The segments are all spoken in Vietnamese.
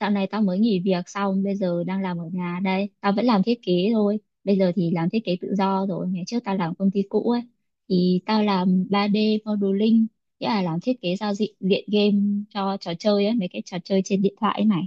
Dạo này tao mới nghỉ việc xong, bây giờ đang làm ở nhà đây. Tao vẫn làm thiết kế thôi. Bây giờ thì làm thiết kế tự do rồi. Ngày trước tao làm công ty cũ ấy. Thì tao làm 3D modeling, nghĩa là làm thiết kế giao diện diện game cho trò chơi ấy, mấy cái trò chơi trên điện thoại ấy này.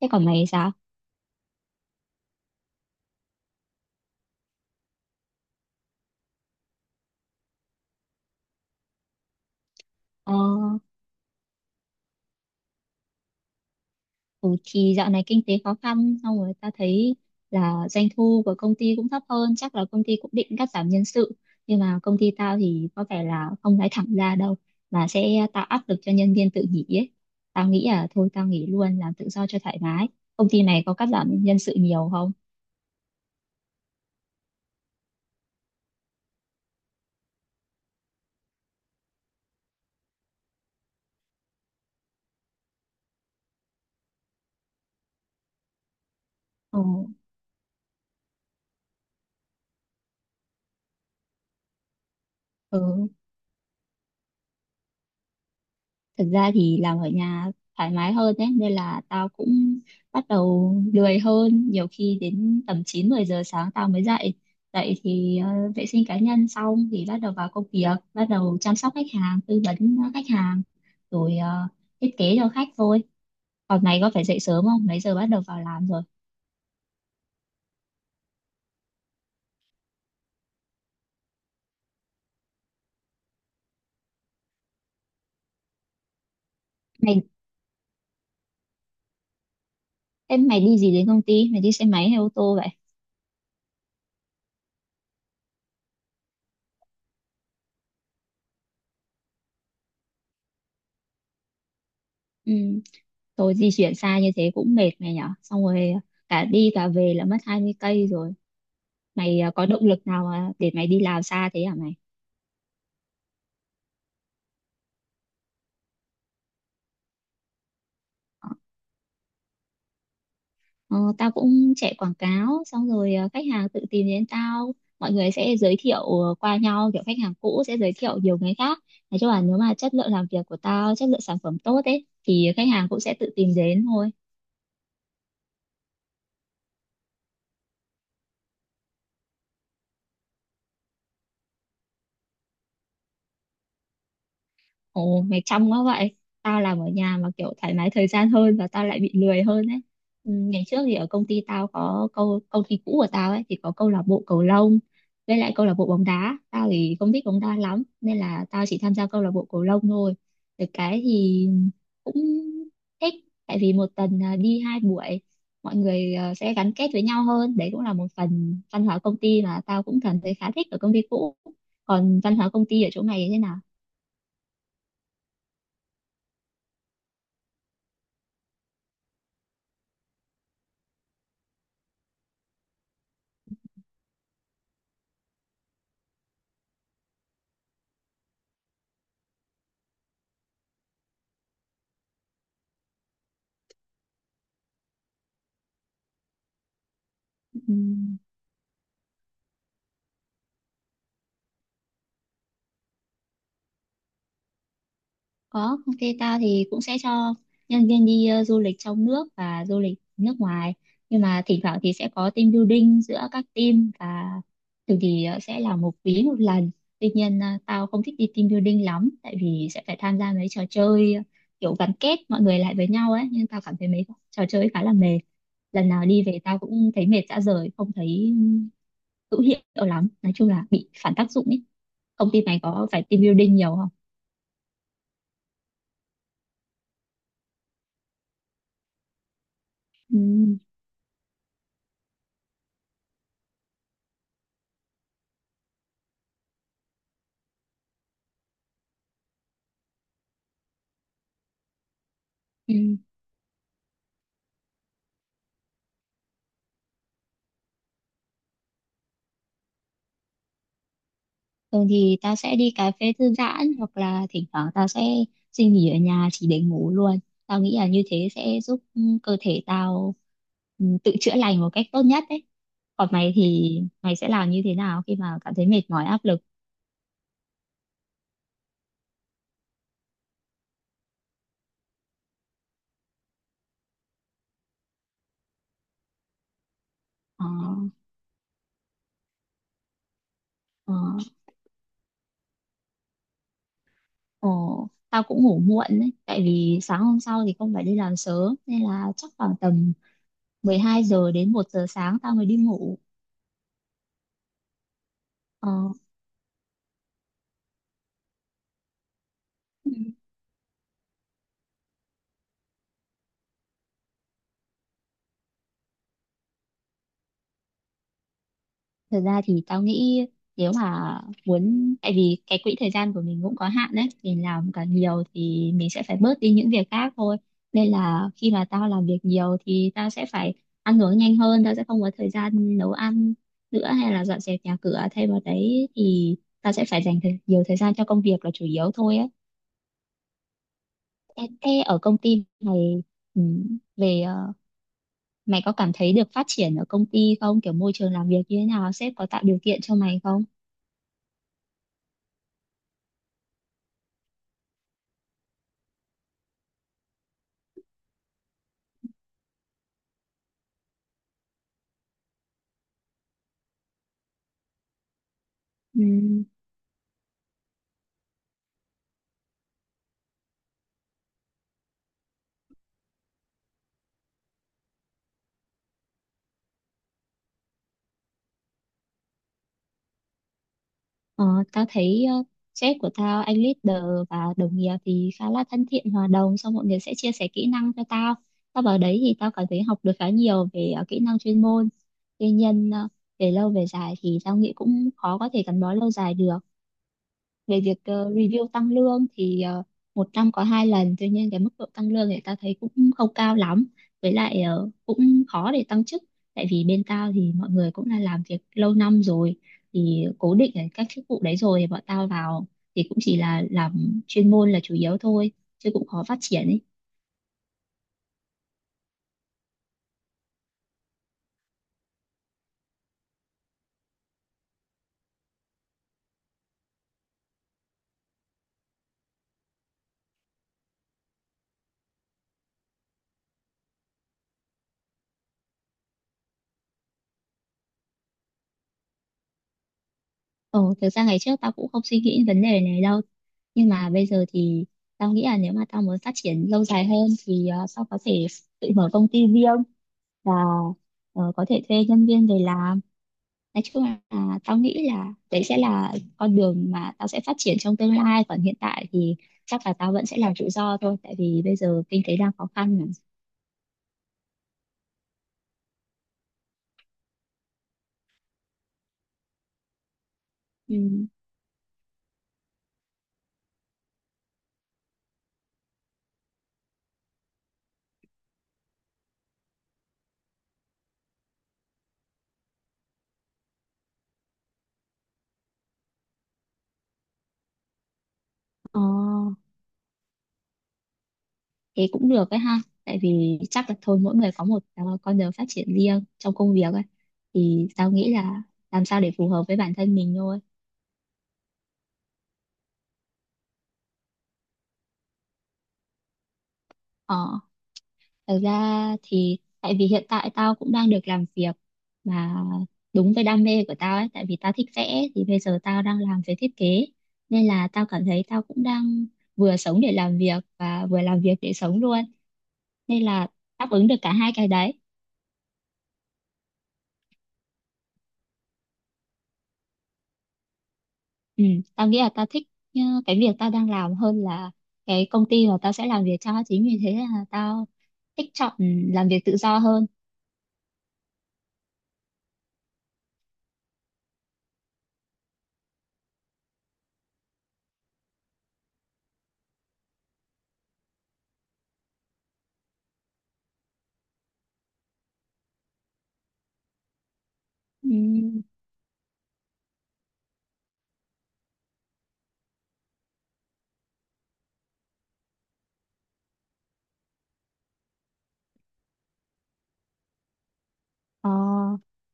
Thế còn mày thì sao? Ờ. Ừ, thì dạo này kinh tế khó khăn xong rồi ta thấy là doanh thu của công ty cũng thấp hơn, chắc là công ty cũng định cắt giảm nhân sự, nhưng mà công ty tao thì có vẻ là không nói thẳng ra đâu mà sẽ tạo áp lực cho nhân viên tự nghỉ ấy. Tao nghĩ là thôi tao nghỉ luôn làm tự do cho thoải mái. Công ty này có cắt giảm nhân sự nhiều không? Ồ, ừ. Thực ra thì làm ở nhà thoải mái hơn đấy, nên là tao cũng bắt đầu lười hơn, nhiều khi đến tầm 9 10 giờ sáng tao mới dậy. Dậy thì vệ sinh cá nhân xong thì bắt đầu vào công việc, bắt đầu chăm sóc khách hàng, tư vấn khách hàng, rồi thiết kế cho khách thôi. Còn mày có phải dậy sớm không, mấy giờ bắt đầu vào làm rồi? Mày, em mày đi gì đến công ty, mày đi xe máy hay ô tô vậy? Ừ. Thôi di chuyển xa như thế cũng mệt mày nhở, xong rồi cả đi cả về là mất 20 cây rồi. Mày có động lực nào để mày đi làm xa thế hả mày? ờ, ờ, Tao cũng chạy quảng cáo, xong rồi khách hàng tự tìm đến tao. Mọi người sẽ giới thiệu qua nhau, kiểu khách hàng cũ sẽ giới thiệu nhiều người khác. Nói chung là nếu mà chất lượng làm việc của tao, chất lượng sản phẩm tốt ấy, thì khách hàng cũng sẽ tự tìm đến thôi. Ồ, mày trong quá vậy. Tao làm ở nhà mà kiểu thoải mái thời gian hơn và tao lại bị lười hơn ấy. Ừ, ngày trước thì ở công ty tao có câu công ty cũ của tao ấy thì có câu lạc bộ cầu lông, với lại câu lạc bộ bóng đá. Tao thì không thích bóng đá lắm nên là tao chỉ tham gia câu lạc bộ cầu lông thôi. Được cái thì cũng thích, tại vì một tuần đi hai buổi, mọi người sẽ gắn kết với nhau hơn. Đấy cũng là một phần văn hóa công ty mà tao cũng cảm thấy khá thích ở công ty cũ. Còn văn hóa công ty ở chỗ mày như thế nào? Ừ. Có, công ty tao thì cũng sẽ cho nhân viên đi du lịch trong nước và du lịch nước ngoài. Nhưng mà thỉnh thoảng thì sẽ có team building giữa các team, và thường thì sẽ là một quý một lần. Tuy nhiên tao không thích đi team building lắm, tại vì sẽ phải tham gia mấy trò chơi kiểu gắn kết mọi người lại với nhau ấy. Nhưng tao cảm thấy mấy trò chơi ấy khá là mệt. Lần nào đi về tao cũng thấy mệt rã rời, không thấy hữu hiệu lắm. Nói chung là bị phản tác dụng ấy. Công ty mày có phải team building nhiều không? Ừ. Thường thì tao sẽ đi cà phê thư giãn, hoặc là thỉnh thoảng tao sẽ xin nghỉ ở nhà chỉ để ngủ luôn. Tao nghĩ là như thế sẽ giúp cơ thể tao tự chữa lành một cách tốt nhất đấy. Còn mày thì mày sẽ làm như thế nào khi mà cảm thấy mệt mỏi, áp lực? Ờ, ờ, tao cũng ngủ muộn đấy, tại vì sáng hôm sau thì không phải đi làm sớm, nên là chắc khoảng tầm 12 giờ đến một giờ sáng tao mới đi ngủ. Ờ, Thật ra thì tao nghĩ, nếu mà muốn, tại vì cái quỹ thời gian của mình cũng có hạn đấy, mình làm càng nhiều thì mình sẽ phải bớt đi những việc khác thôi. Nên là khi mà tao làm việc nhiều thì tao sẽ phải ăn uống nhanh hơn, tao sẽ không có thời gian nấu ăn nữa, hay là dọn dẹp nhà cửa. Thay vào đấy thì tao sẽ phải dành nhiều thời gian cho công việc là chủ yếu thôi á. Thế ở công ty này, ừ, về mày có cảm thấy được phát triển ở công ty không, kiểu môi trường làm việc như thế nào, sếp có tạo điều kiện cho mày không? Ừ. Ờ, Tao thấy sếp của tao, anh leader và đồng nghiệp thì khá là thân thiện, hòa đồng, xong mọi người sẽ chia sẻ kỹ năng cho tao. Tao vào đấy thì tao cảm thấy học được khá nhiều về kỹ năng chuyên môn. Tuy nhiên về lâu về dài thì tao nghĩ cũng khó có thể gắn bó lâu dài được. Về việc review tăng lương thì một năm có hai lần, tuy nhiên cái mức độ tăng lương thì ta thấy cũng không cao lắm. Với lại cũng khó để tăng chức, tại vì bên tao thì mọi người cũng là làm việc lâu năm rồi, thì cố định ở các chức vụ đấy rồi, thì bọn tao vào thì cũng chỉ là làm chuyên môn là chủ yếu thôi, chứ cũng khó phát triển ấy. Ừ, thực ra ngày trước tao cũng không suy nghĩ vấn đề này đâu. Nhưng mà bây giờ thì tao nghĩ là nếu mà tao muốn phát triển lâu dài hơn thì tao có thể tự mở công ty riêng, và có thể thuê nhân viên về làm. Nói chung là tao nghĩ là đấy sẽ là con đường mà tao sẽ phát triển trong tương lai. Còn hiện tại thì chắc là tao vẫn sẽ làm tự do thôi. Tại vì bây giờ kinh tế đang khó khăn mà. Ừ. Ờ. Thế cũng được ấy ha. Tại vì chắc là thôi mỗi người có một con đường phát triển riêng trong công việc ấy. Thì tao nghĩ là làm sao để phù hợp với bản thân mình thôi. Ờ, thật ra thì tại vì hiện tại tao cũng đang được làm việc mà đúng với đam mê của tao ấy. Tại vì tao thích vẽ, thì bây giờ tao đang làm về thiết kế. Nên là tao cảm thấy tao cũng đang vừa sống để làm việc và vừa làm việc để sống luôn. Nên là đáp ứng được cả hai cái đấy. Ừ, tao nghĩ là tao thích ờ, cái việc tao đang làm hơn là cái công ty mà tao sẽ làm việc cho, chính vì thế là tao thích chọn làm việc tự do hơn. ừ, ờ,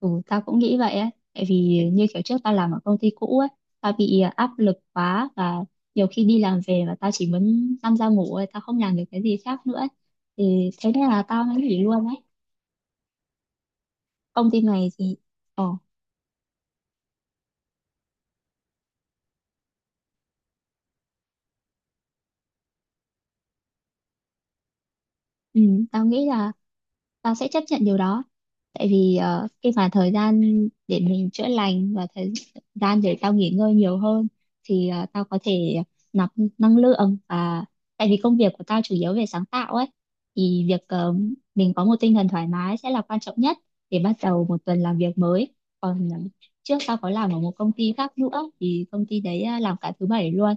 ừ, tao cũng nghĩ vậy á, tại vì như kiểu trước tao làm ở công ty cũ ấy, tao bị áp lực quá, và nhiều khi đi làm về mà tao chỉ muốn nằm ra ngủ thôi, tao không làm được cái gì khác nữa ấy. Thì thế nên là tao mới nghỉ luôn ấy. Công ty này thì ờ, ừ, tao nghĩ là tao sẽ chấp nhận điều đó, tại vì khi mà thời gian để mình chữa lành và thời gian để tao nghỉ ngơi nhiều hơn, thì tao có thể nạp năng lượng. Và tại vì công việc của tao chủ yếu về sáng tạo ấy, thì việc mình có một tinh thần thoải mái sẽ là quan trọng nhất để bắt đầu một tuần làm việc mới. Còn trước tao có làm ở một công ty khác nữa, thì công ty đấy làm cả thứ bảy luôn.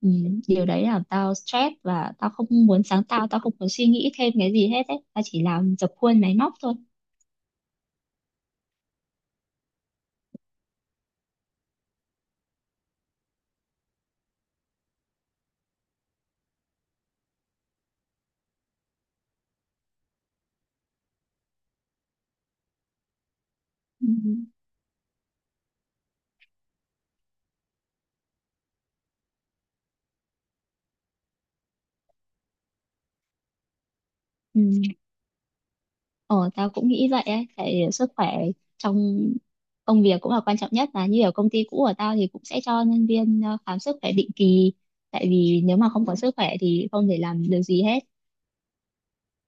ừ, Điều đấy làm tao stress, và tao không muốn sáng tạo, tao không muốn suy nghĩ thêm cái gì hết ấy, tao chỉ làm dập khuôn máy móc thôi. Ừ. Ừ. Ờ, tao cũng nghĩ vậy ấy, tại sức khỏe trong công việc cũng là quan trọng, nhất là như ở công ty cũ của tao thì cũng sẽ cho nhân viên khám sức khỏe định kỳ, tại vì nếu mà không có sức khỏe thì không thể làm được gì hết.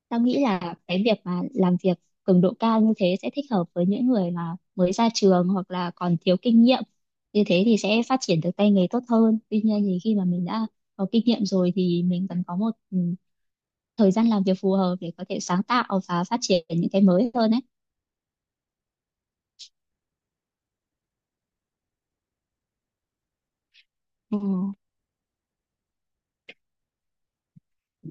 Tao nghĩ là cái việc mà làm việc cường độ cao như thế sẽ thích hợp với những người mà mới ra trường hoặc là còn thiếu kinh nghiệm, như thế thì sẽ phát triển được tay nghề tốt hơn. Tuy nhiên thì khi mà mình đã có kinh nghiệm rồi thì mình cần có một thời gian làm việc phù hợp để có thể sáng tạo và phát triển những cái mới hơn ấy. Ừ.